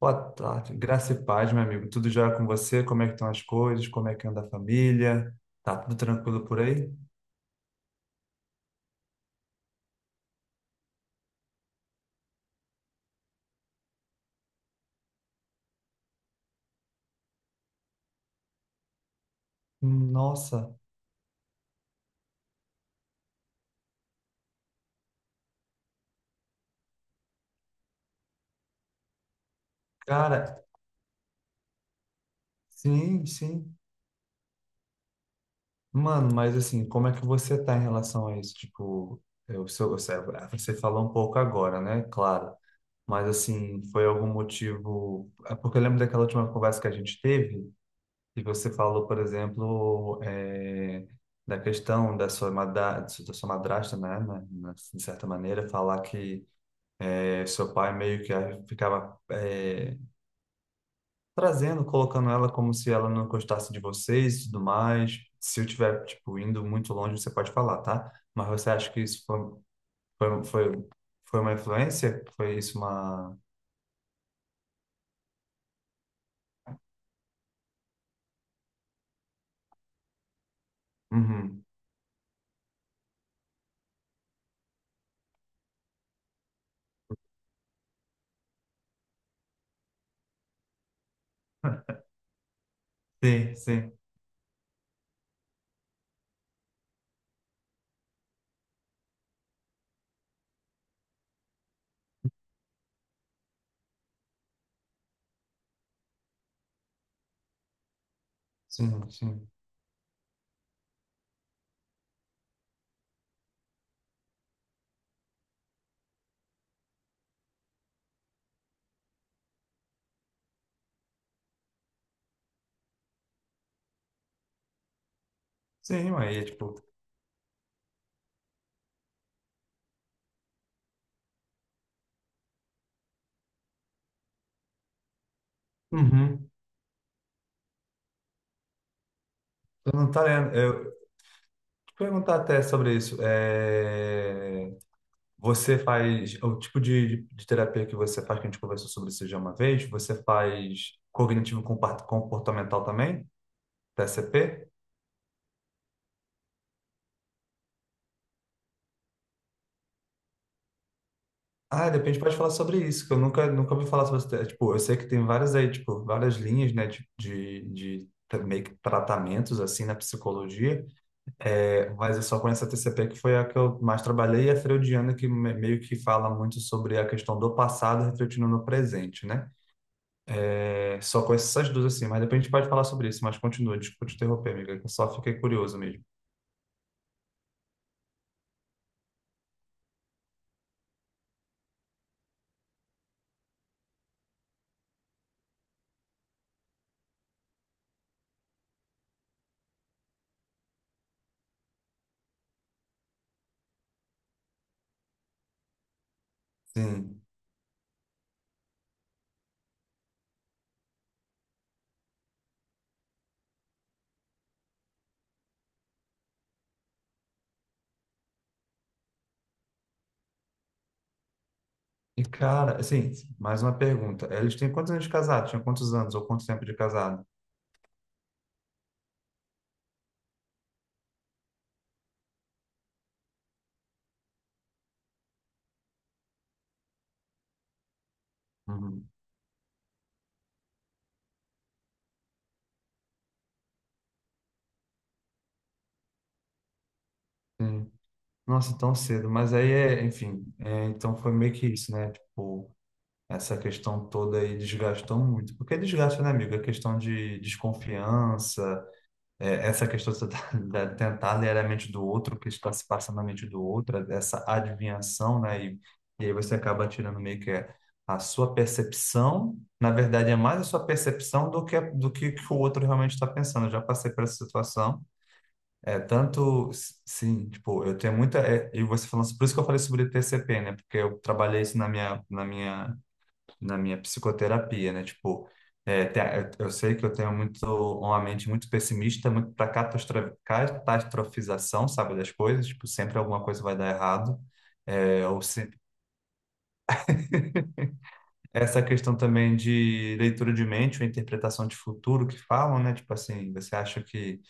Boa tarde, graça e paz, meu amigo. Tudo jóia com você? Como é que estão as coisas? Como é que anda a família? Tá tudo tranquilo por aí? Nossa, cara, sim. Mano, mas assim, como é que você tá em relação a isso? Tipo, eu, seu, você você falou um pouco agora, né? Claro. Mas assim, foi algum motivo? É porque eu lembro daquela última conversa que a gente teve. E você falou, por exemplo, da questão da sua, madra, da sua madrasta, de certa maneira, falar que seu pai meio que ficava trazendo, colocando ela como se ela não gostasse de vocês e tudo mais. Se eu tiver, tipo, indo muito longe, você pode falar, tá? Mas você acha que isso foi, foi, foi, foi uma influência? Foi isso uma... Uhum. Sim, sim, sim. Sim, mas, é, tipo... Uhum. Eu não tá lendo. Perguntar até sobre isso. É, você faz o tipo de terapia que você faz, que a gente conversou sobre isso já uma vez, você faz cognitivo comportamental também, TCP? Ah, de repente pode falar sobre isso, que eu nunca ouvi falar sobre isso. É, tipo, eu sei que tem várias aí, tipo, várias linhas, né, de, meio que tratamentos, assim, na psicologia. É, mas eu só conheço a TCP, que foi a que eu mais trabalhei, e a freudiana, que meio que fala muito sobre a questão do passado refletindo no presente, né? É, só conheço essas duas, assim, mas depois a gente pode falar sobre isso, mas continua, desculpa te interromper, amiga, que eu só fiquei curioso mesmo. Sim. E, cara, assim, mais uma pergunta. Eles têm quantos anos de casado? Tinha quantos anos ou quanto tempo de casado? Uhum. Sim. Nossa, tão cedo. Mas aí, é, enfim, é, então foi meio que isso, né? Tipo, essa questão toda aí desgastou muito. Porque desgasta, né, amigo? A questão de desconfiança, é, essa questão da você tentar ler a mente do outro, o que está se passando na mente do outro, essa adivinhação, né? E aí você acaba tirando meio que é a sua percepção, na verdade é mais a sua percepção do que que o outro realmente está pensando. Eu já passei por essa situação. É tanto, sim, tipo, eu tenho muita é, e você falando, por isso que eu falei sobre TCP, né? Porque eu trabalhei isso na minha na minha psicoterapia, né? Tipo, é, eu sei que eu tenho muito uma mente muito pessimista, muito para catastrofização, sabe, das coisas. Tipo, sempre alguma coisa vai dar errado. É, ou se, essa questão também de leitura de mente, ou interpretação de futuro que falam, né? Tipo assim, você acha que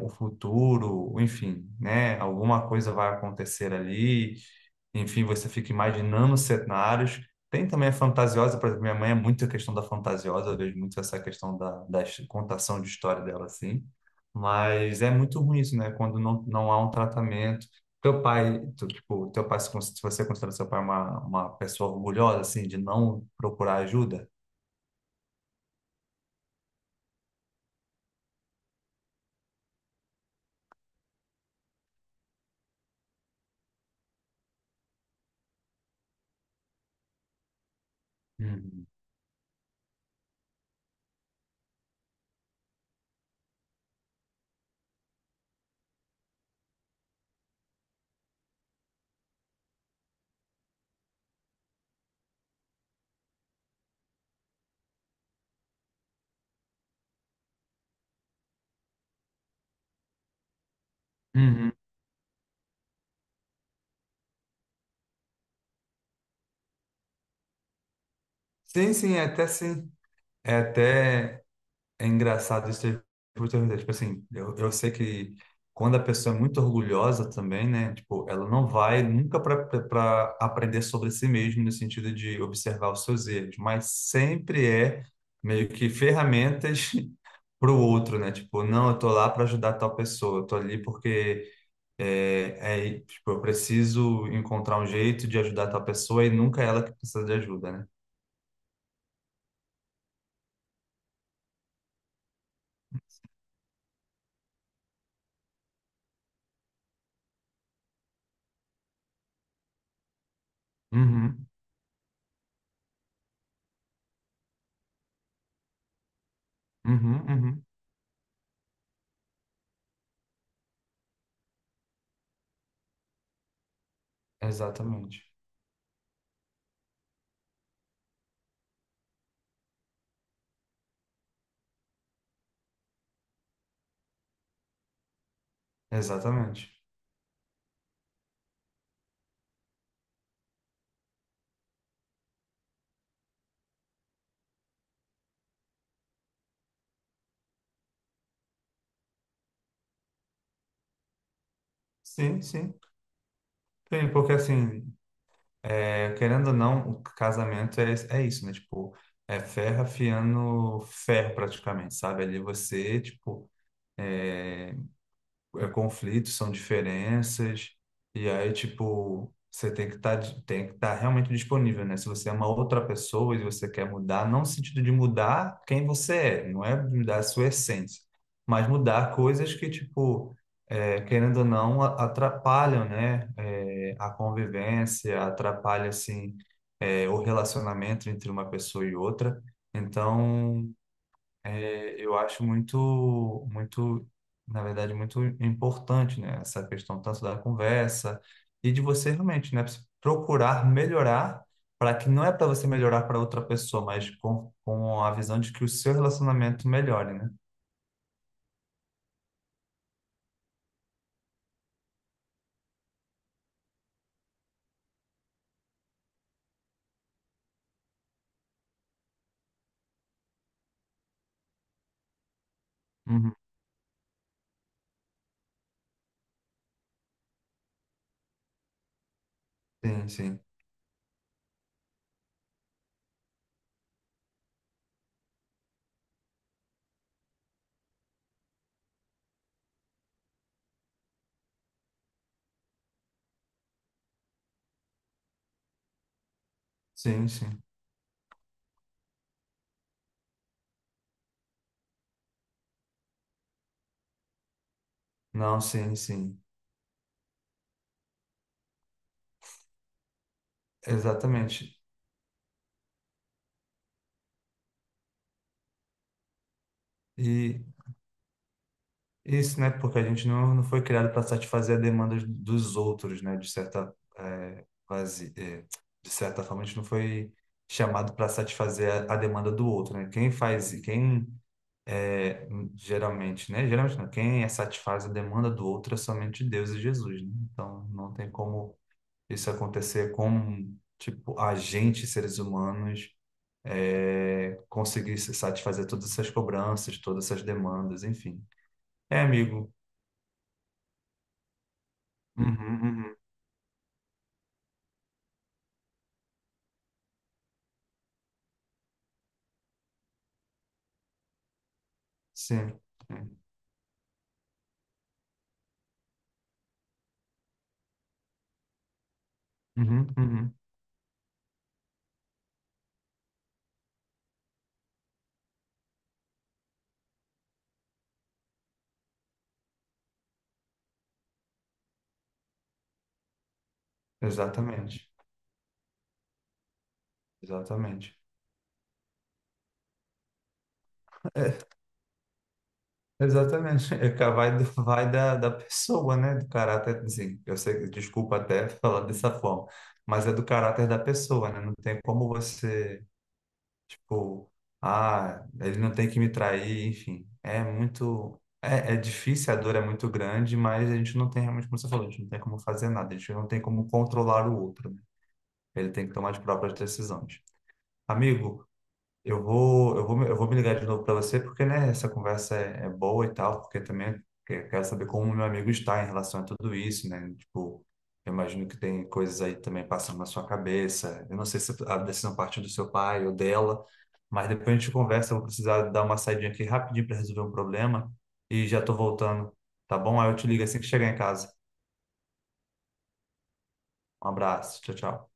o futuro, enfim, né? Alguma coisa vai acontecer ali, enfim, você fica imaginando cenários. Tem também a fantasiosa, por exemplo, minha mãe é muito a questão da fantasiosa, eu vejo muito essa questão da, da contação de história dela, assim. Mas é muito ruim isso, né? Quando não, não há um tratamento. Teu pai, tu, tipo, teu pai, se se você considera seu pai uma pessoa orgulhosa, assim, de não procurar ajuda? Uhum. Uhum. Sim, sim. É até é engraçado isso ter oportunidade. Tipo assim, eu sei que quando a pessoa é muito orgulhosa também, né? Tipo, ela não vai nunca para aprender sobre si mesma no sentido de observar os seus erros, mas sempre é meio que ferramentas para o outro, né? Tipo, não, eu tô lá para ajudar tal pessoa, eu tô ali porque é, é, tipo, eu preciso encontrar um jeito de ajudar tal pessoa e nunca é ela que precisa de ajuda, né? Uhum, uhum. Exatamente. Exatamente. Sim, sim. Sim, porque assim, é, querendo ou não, o casamento é, é isso, né? Tipo, é ferro afiando ferro praticamente, sabe? Ali você, tipo, é, conflitos, são diferenças, e aí, tipo, você tem que estar realmente disponível, né? Se você é uma outra pessoa e você quer mudar, não no sentido de mudar quem você é, não é mudar a sua essência, mas mudar coisas que, tipo, é, querendo ou não, atrapalham, né? É, a convivência, atrapalha, assim, é, o relacionamento entre uma pessoa e outra. Então, é, eu acho muito, na verdade, muito importante, né? Essa questão tanto da conversa e de você realmente, né? Procurar melhorar para que não é para você melhorar para outra pessoa, mas com a visão de que o seu relacionamento melhore, né? Uhum. Sim, sim. Sim, sim. Não, sim, sim. Exatamente. E isso, né? Porque a gente não, não foi criado para satisfazer a demanda dos outros, né? De certa, é, quase, é, de certa forma, a gente não foi chamado para satisfazer a demanda do outro, né? Quem faz, quem é, geralmente, né? Geralmente não, quem é satisfaz a demanda do outro é somente Deus e Jesus, né? Então, não tem como isso acontecer com, tipo, a gente, seres humanos, é, conseguir se satisfazer todas essas cobranças, todas essas demandas, enfim. É, amigo. Uhum, uhum. Sim. Sim. Uhum, uhum. Exatamente. Exatamente. É, exatamente. É que vai, vai da, da pessoa, né? Do caráter, assim, eu sei, desculpa até falar dessa forma, mas é do caráter da pessoa, né? Não tem como você, tipo, ah, ele não tem que me trair, enfim. É muito, é, é difícil, a dor é muito grande, mas a gente não tem realmente, como você falou, a gente não tem como fazer nada, a gente não tem como controlar o outro, né? Ele tem que tomar as próprias decisões. Amigo, eu vou me ligar de novo para você, porque, né, essa conversa é, é boa e tal, porque também quero saber como o meu amigo está em relação a tudo isso, né? Tipo, eu imagino que tem coisas aí também passando na sua cabeça. Eu não sei se a decisão partiu do seu pai ou dela, mas depois a gente conversa. Eu vou precisar dar uma saidinha aqui rapidinho para resolver um problema e já tô voltando, tá bom? Aí eu te ligo assim que chegar em casa. Um abraço, tchau, tchau.